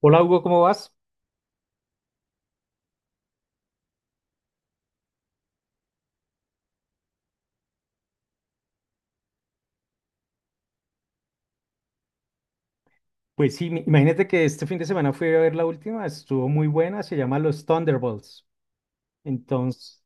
Hola Hugo, ¿cómo vas? Pues sí, imagínate que este fin de semana fui a ver la última, estuvo muy buena, se llama Los Thunderbolts. Entonces.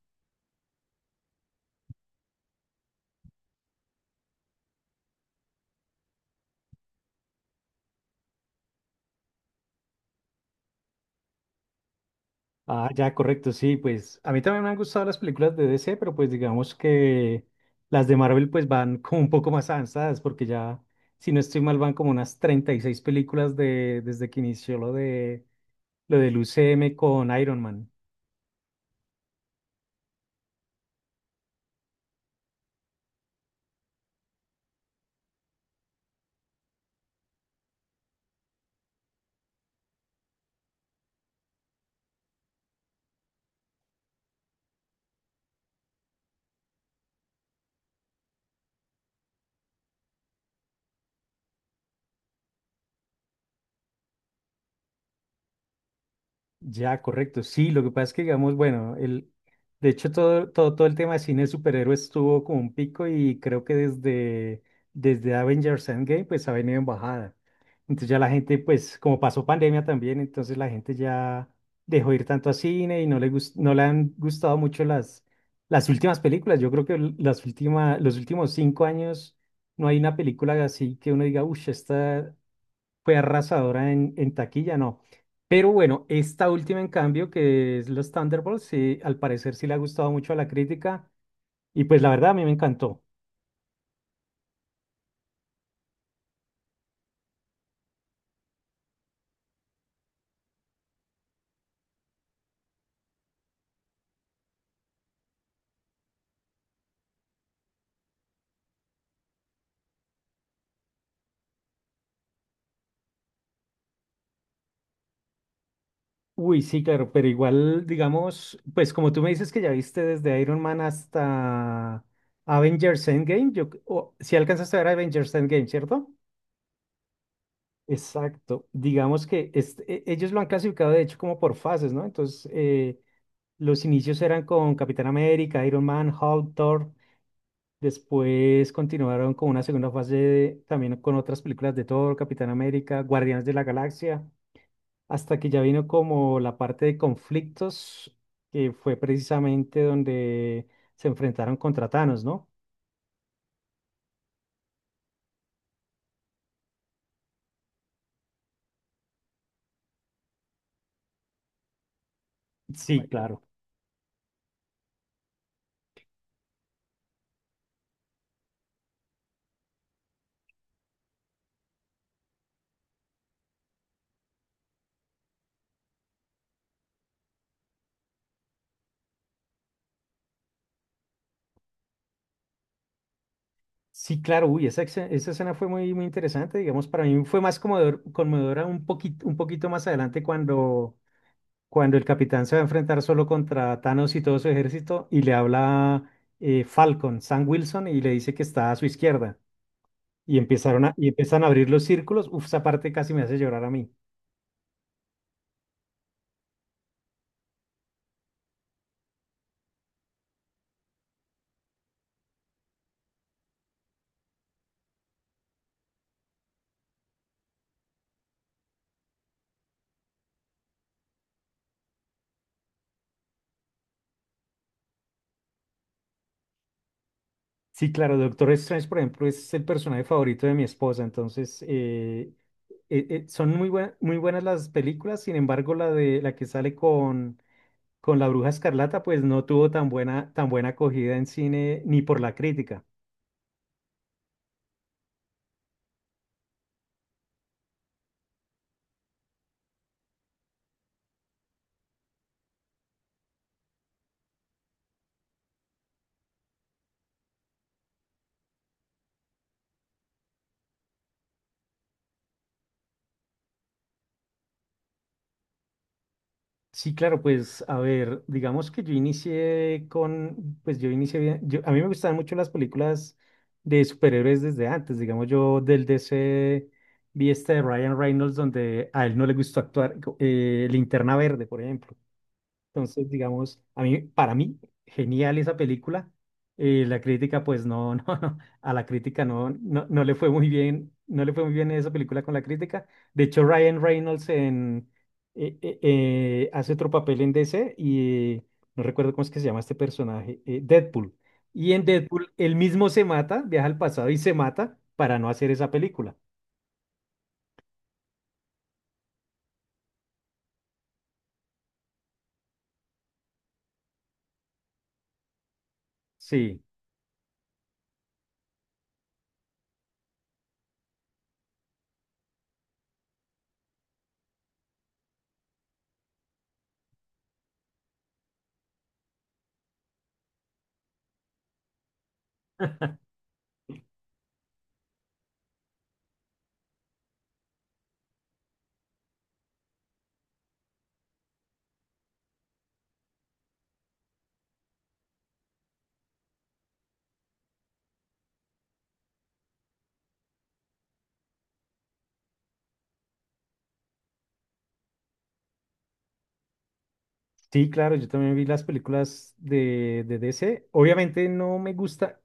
Ah, ya, correcto, sí, pues a mí también me han gustado las películas de DC, pero pues digamos que las de Marvel pues van como un poco más avanzadas, porque ya, si no estoy mal, van como unas 36 películas desde que inició lo del UCM con Iron Man. Ya, correcto. Sí, lo que pasa es que, digamos, bueno, de hecho todo el tema de cine de superhéroes tuvo como un pico y creo que desde Avengers Endgame pues ha venido en bajada. Entonces ya la gente, pues como pasó pandemia también, entonces la gente ya dejó ir tanto a cine y no le han gustado mucho las últimas películas. Yo creo que los últimos 5 años no hay una película así que uno diga, uff, esta, fue arrasadora en taquilla, no. Pero bueno, esta última en cambio, que es los Thunderbolts, sí, al parecer sí le ha gustado mucho a la crítica y pues la verdad a mí me encantó. Uy, sí, claro, pero igual, digamos, pues como tú me dices que ya viste desde Iron Man hasta Avengers Endgame, yo, si alcanzaste a ver Avengers Endgame, ¿cierto? Exacto. Digamos que ellos lo han clasificado de hecho como por fases, ¿no? Entonces, los inicios eran con Capitán América, Iron Man, Hulk, Thor. Después continuaron con una segunda fase también con otras películas de Thor, Capitán América, Guardianes de la Galaxia, hasta que ya vino como la parte de conflictos, que fue precisamente donde se enfrentaron contra Thanos, ¿no? Sí, claro. Sí, claro, uy, esa escena fue muy, muy interesante, digamos, para mí fue más conmovedora un poquito más adelante cuando el capitán se va a enfrentar solo contra Thanos y todo su ejército y le habla Falcon, Sam Wilson, y le dice que está a su izquierda. Y empiezan a abrir los círculos. Uf, esa parte casi me hace llorar a mí. Sí, claro, Doctor Strange, por ejemplo, es el personaje favorito de mi esposa. Entonces, son muy buenas las películas. Sin embargo, la de la que sale con la Bruja Escarlata, pues no tuvo tan buena acogida en cine ni por la crítica. Sí, claro, pues a ver, digamos que yo pues yo inicié bien, a mí me gustaban mucho las películas de superhéroes desde antes, digamos yo del DC vi esta de Ryan Reynolds donde a él no le gustó actuar, Linterna Verde, por ejemplo. Entonces, digamos, para mí, genial esa película. La crítica, pues no, no, no, a la crítica no, no, no le fue muy bien, no le fue muy bien esa película con la crítica. De hecho, Ryan Reynolds hace otro papel en DC y no recuerdo cómo es que se llama este personaje, Deadpool. Y en Deadpool, él mismo se mata, viaja al pasado y se mata para no hacer esa película. Sí, sí, claro, yo también vi las películas de DC. Obviamente no me gusta.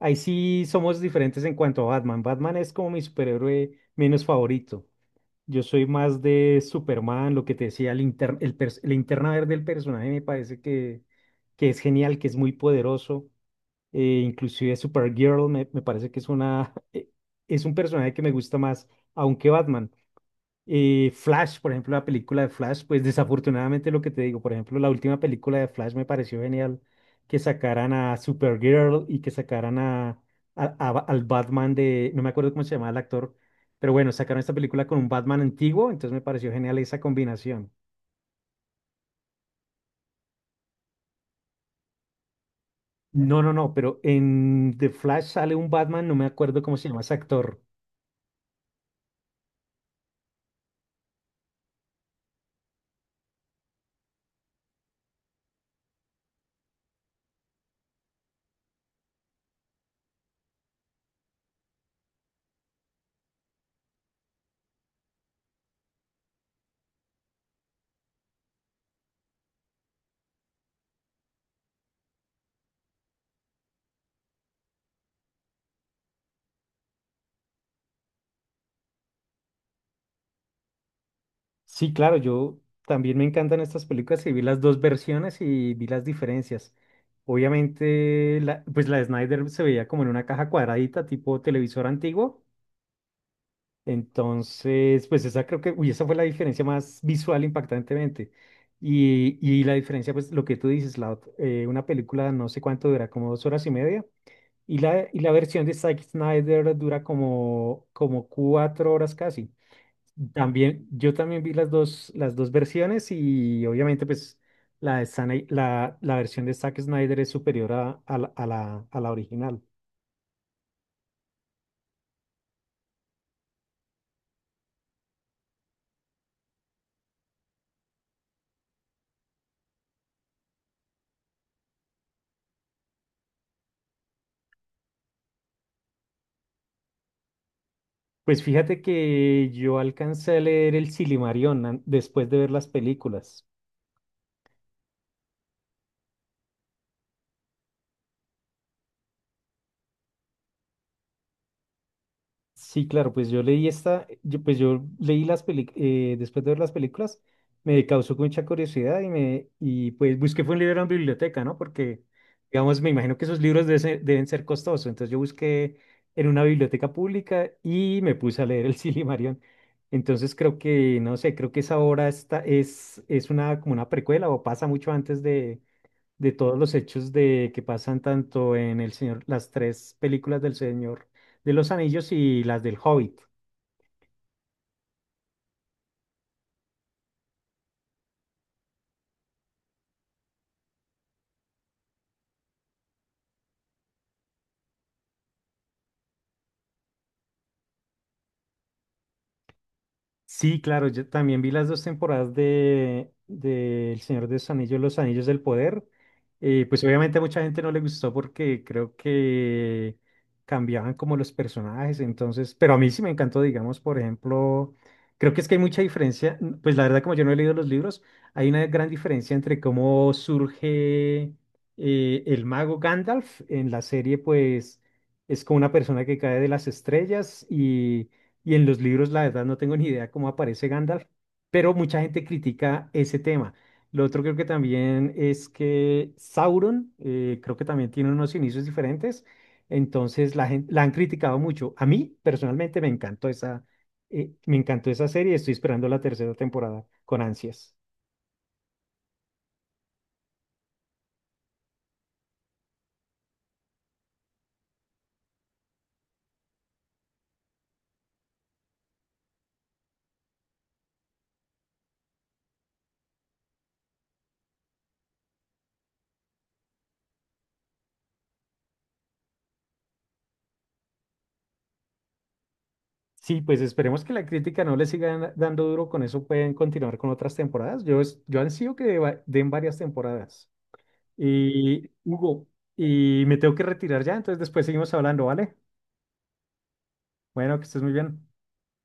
Ahí sí somos diferentes en cuanto a Batman. Batman es como mi superhéroe menos favorito. Yo soy más de Superman, lo que te decía, el inter- el pers- la linterna verde del personaje me parece que es genial, que es muy poderoso. Inclusive Supergirl me parece que es una, es un personaje que me gusta más, aunque Batman. Flash, por ejemplo, la película de Flash, pues desafortunadamente lo que te digo, por ejemplo, la última película de Flash me pareció genial que sacaran a Supergirl y que sacaran al Batman de, no me acuerdo cómo se llamaba el actor, pero bueno, sacaron esta película con un Batman antiguo, entonces me pareció genial esa combinación. No, no, no, pero en The Flash sale un Batman, no me acuerdo cómo se llama ese actor. Sí, claro, yo también me encantan estas películas y vi las dos versiones y vi las diferencias. Obviamente, pues la de Snyder se veía como en una caja cuadradita, tipo televisor antiguo. Entonces, pues uy, esa fue la diferencia más visual impactantemente. Y la diferencia, pues lo que tú dices, una película no sé cuánto dura, como 2 horas y media. Y la versión de Zack Snyder dura como 4 horas casi. También, yo también vi las dos versiones y obviamente pues la versión de Zack Snyder es superior a la original. Pues fíjate que yo alcancé a leer el Silmarillion después de ver las películas. Sí, claro, pues yo leí esta, yo- pues yo leí las películas, después de ver las películas, me causó mucha curiosidad y pues busqué fue un libro en biblioteca, ¿no? Porque, digamos, me imagino que esos libros deben ser costosos, entonces yo busqué en una biblioteca pública y me puse a leer el Silmarillion. Entonces creo que, no sé, creo que esa obra es una, como una precuela o pasa mucho antes de todos los hechos de que pasan tanto las tres películas del Señor de los Anillos y las del Hobbit. Sí, claro, yo también vi las dos temporadas de El Señor de los Anillos, Los Anillos del Poder. Pues obviamente a mucha gente no le gustó porque creo que cambiaban como los personajes, entonces, pero a mí sí me encantó, digamos, por ejemplo, creo que es que hay mucha diferencia, pues la verdad como yo no he leído los libros, hay una gran diferencia entre cómo surge el mago Gandalf en la serie, pues es como una persona que cae de las estrellas y en los libros, la verdad, no tengo ni idea cómo aparece Gandalf, pero mucha gente critica ese tema. Lo otro creo que también es que Sauron, creo que también tiene unos inicios diferentes, entonces la gente, la han criticado mucho. A mí, personalmente, me encantó esa serie, estoy esperando la tercera temporada con ansias. Sí, pues esperemos que la crítica no le siga dando duro, con eso pueden continuar con otras temporadas. Yo ansío que den varias temporadas. Y Hugo, y me tengo que retirar ya, entonces después seguimos hablando, ¿vale? Bueno, que estés muy bien.